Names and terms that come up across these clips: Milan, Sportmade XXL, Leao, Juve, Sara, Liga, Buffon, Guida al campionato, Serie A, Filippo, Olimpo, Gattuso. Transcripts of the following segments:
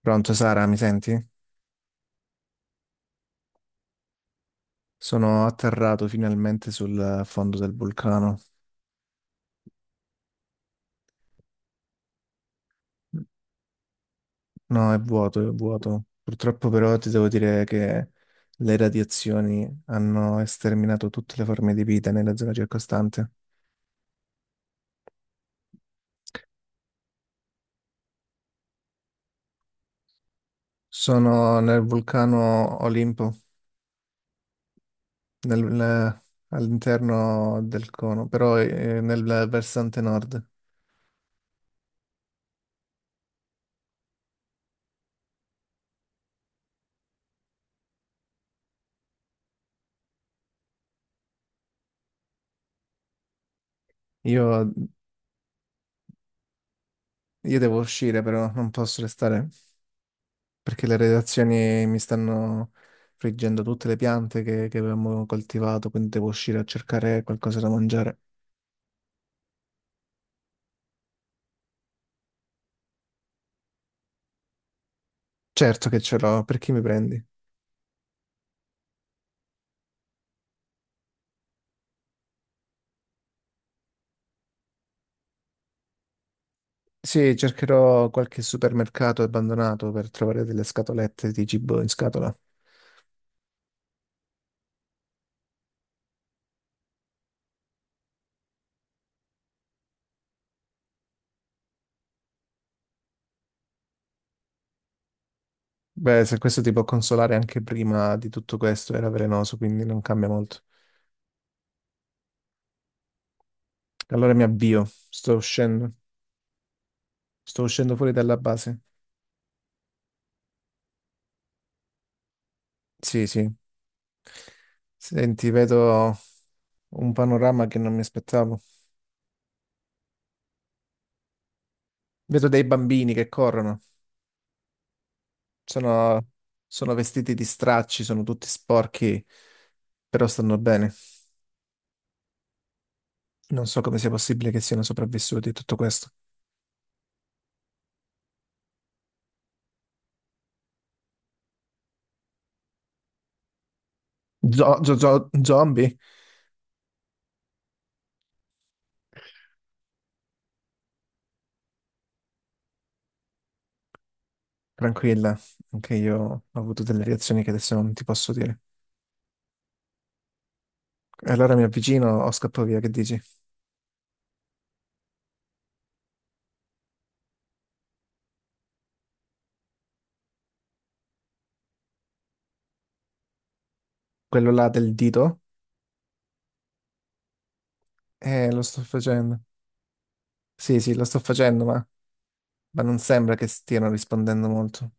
Pronto Sara, mi senti? Sono atterrato finalmente sul fondo del vulcano. No, è vuoto, è vuoto. Purtroppo però ti devo dire che le radiazioni hanno esterminato tutte le forme di vita nella zona circostante. Sono nel vulcano Olimpo, nel- nel- all'interno del cono, però nel versante nord. Io, io devo uscire però, non posso restare, perché le redazioni mi stanno friggendo tutte le piante che avevamo coltivato, quindi devo uscire a cercare qualcosa da mangiare. Certo che ce l'ho, per chi mi prendi? Sì, cercherò qualche supermercato abbandonato per trovare delle scatolette di cibo in scatola. Beh, se questo ti può consolare, anche prima di tutto questo era velenoso, quindi non cambia molto. Allora mi avvio, sto uscendo fuori dalla base. Sì, sì. Senti, vedo un panorama che non mi aspettavo. Vedo dei bambini che corrono, sono, sono vestiti di stracci, sono tutti sporchi, però stanno bene. Non so come sia possibile che siano sopravvissuti a tutto questo. Zombie? Tranquilla, anche io ho avuto delle reazioni che adesso non ti posso dire. E allora mi avvicino o scappo via, che dici? Quello là del dito? Lo sto facendo. Sì, sì, lo sto facendo, ma non sembra che stiano rispondendo molto.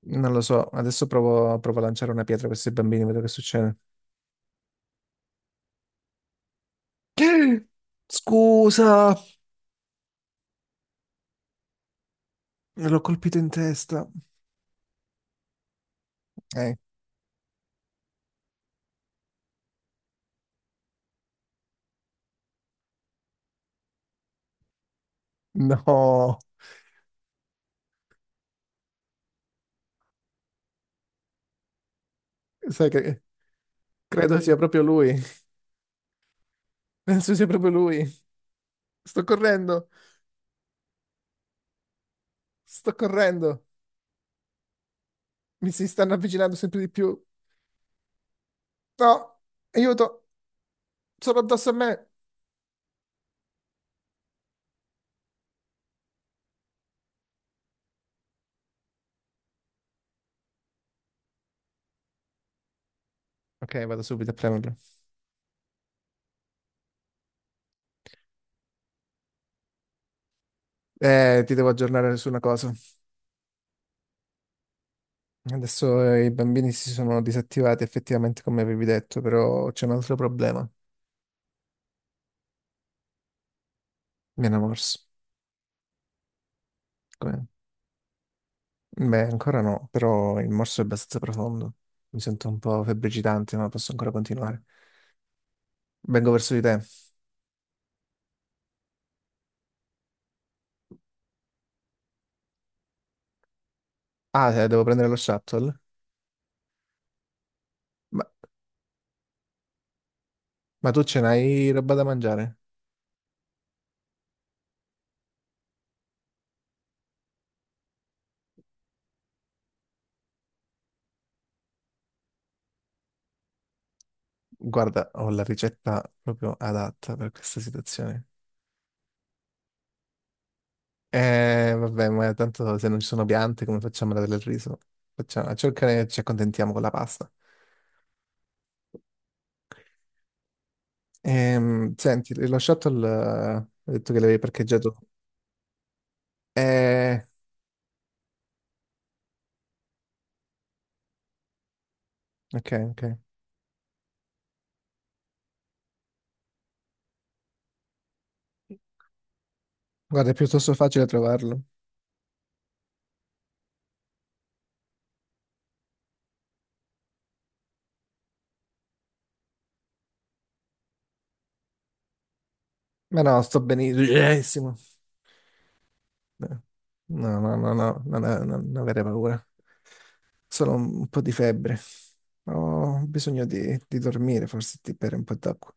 Non lo so, adesso provo a lanciare una pietra a questi bambini, vedo che succede. Scusa, l'ho colpito in testa. Eh, no, sai che credo sia proprio lui. Penso sia proprio lui. Sto correndo, sto correndo. Mi si stanno avvicinando sempre di più. No, aiuto, sono addosso a me. Ok, vado subito a premerlo. Ti devo aggiornare su una cosa. Adesso i bambini si sono disattivati effettivamente come avevi detto, però c'è un altro problema. Mi hanno morso. Come? Beh, ancora no, però il morso è abbastanza profondo. Mi sento un po' febbricitante, ma posso ancora continuare. Vengo verso di te. Ah, devo prendere lo shuttle? Ma, ma tu ce n'hai roba da mangiare? Guarda, ho la ricetta proprio adatta per questa situazione. Vabbè, ma tanto se non ci sono piante, come facciamo ad avere il riso? Facciamo, cercare, ci accontentiamo con la pasta. Senti, lo shuttle, hai detto che l'avevi parcheggiato. Eh, ok, ok. Guarda, è piuttosto facile trovarlo. Ma no, sto benissimo. No, no, no, no, no, non avere paura. Solo un po' di febbre. Ho bisogno di dormire, forse di bere un po' d'acqua.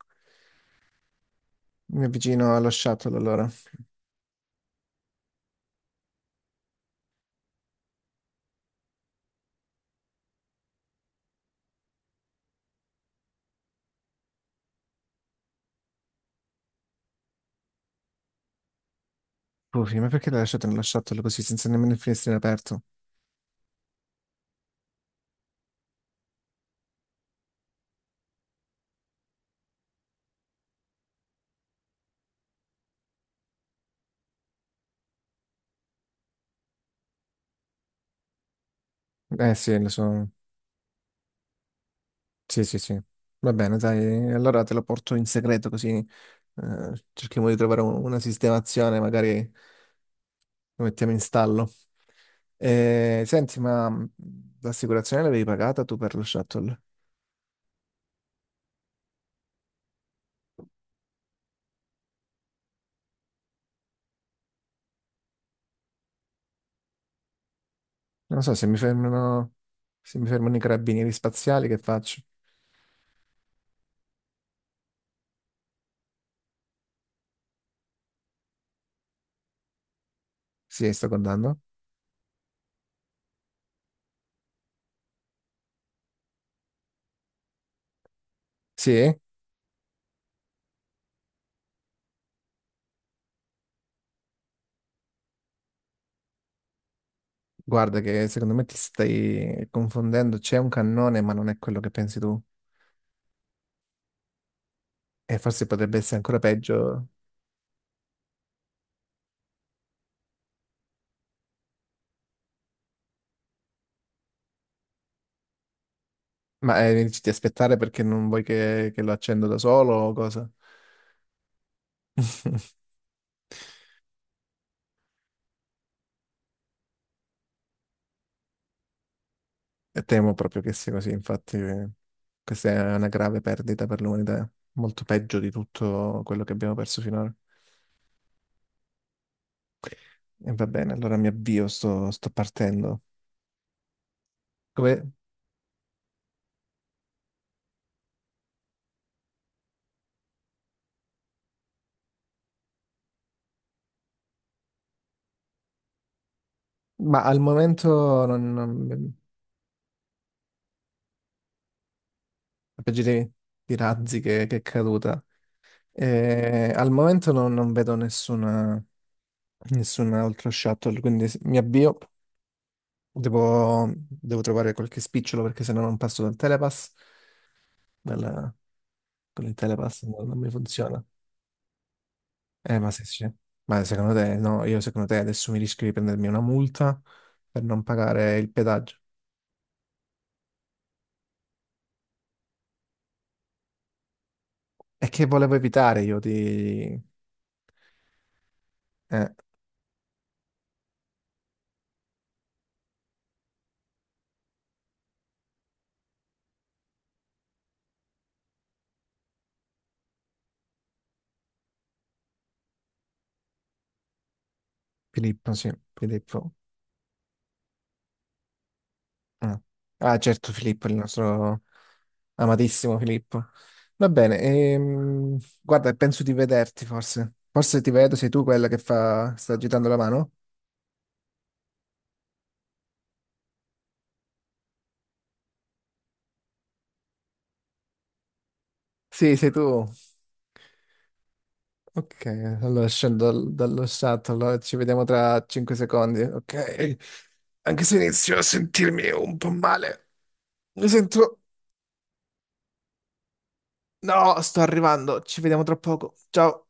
Mi avvicino allo shuttle allora. Puffi, ma perché l'hai lasciato nello shuttle così, senza nemmeno il finestrino aperto? Eh sì, lo so. Sì, sì, sì. Va bene, dai, allora te lo porto in segreto così cerchiamo di trovare una sistemazione, magari lo mettiamo in stallo. Senti, ma l'assicurazione l'avevi pagata tu per lo shuttle? Non so se mi fermano, se mi fermano i carabinieri spaziali, che faccio? Sì, sto guardando. Sì, guarda che secondo me ti stai confondendo. C'è un cannone, ma non è quello che pensi tu. E forse potrebbe essere ancora peggio. Ma ti aspettare perché non vuoi che lo accendo da solo o cosa? E temo proprio che sia così, infatti questa è una grave perdita per l'umanità, molto peggio di tutto quello che abbiamo perso finora. E va bene, allora mi avvio, sto partendo. Come? Ma al momento non... A proposito di razzi che è caduta, al momento non vedo nessuna, nessuna altro shuttle, quindi s- mi avvio. Devo trovare qualche spicciolo perché sennò non passo dal telepass. Dal- con il telepass non mi funziona. Ma se c'è. Ma secondo te, no, io secondo te adesso mi rischio di prendermi una multa per non pagare il pedaggio. E che volevo evitare io di... Eh, Filippo, sì, Filippo. Ah, ah, certo, Filippo, il nostro amatissimo Filippo. Va bene, guarda, penso di vederti forse. Forse ti vedo, sei tu quella che fa... sta agitando la mano? Sì, sei tu. Ok, allora scendo dallo shuttle, ci vediamo tra 5 secondi. Ok, anche se inizio a sentirmi un po' male. Mi sento... No, sto arrivando, ci vediamo tra poco. Ciao.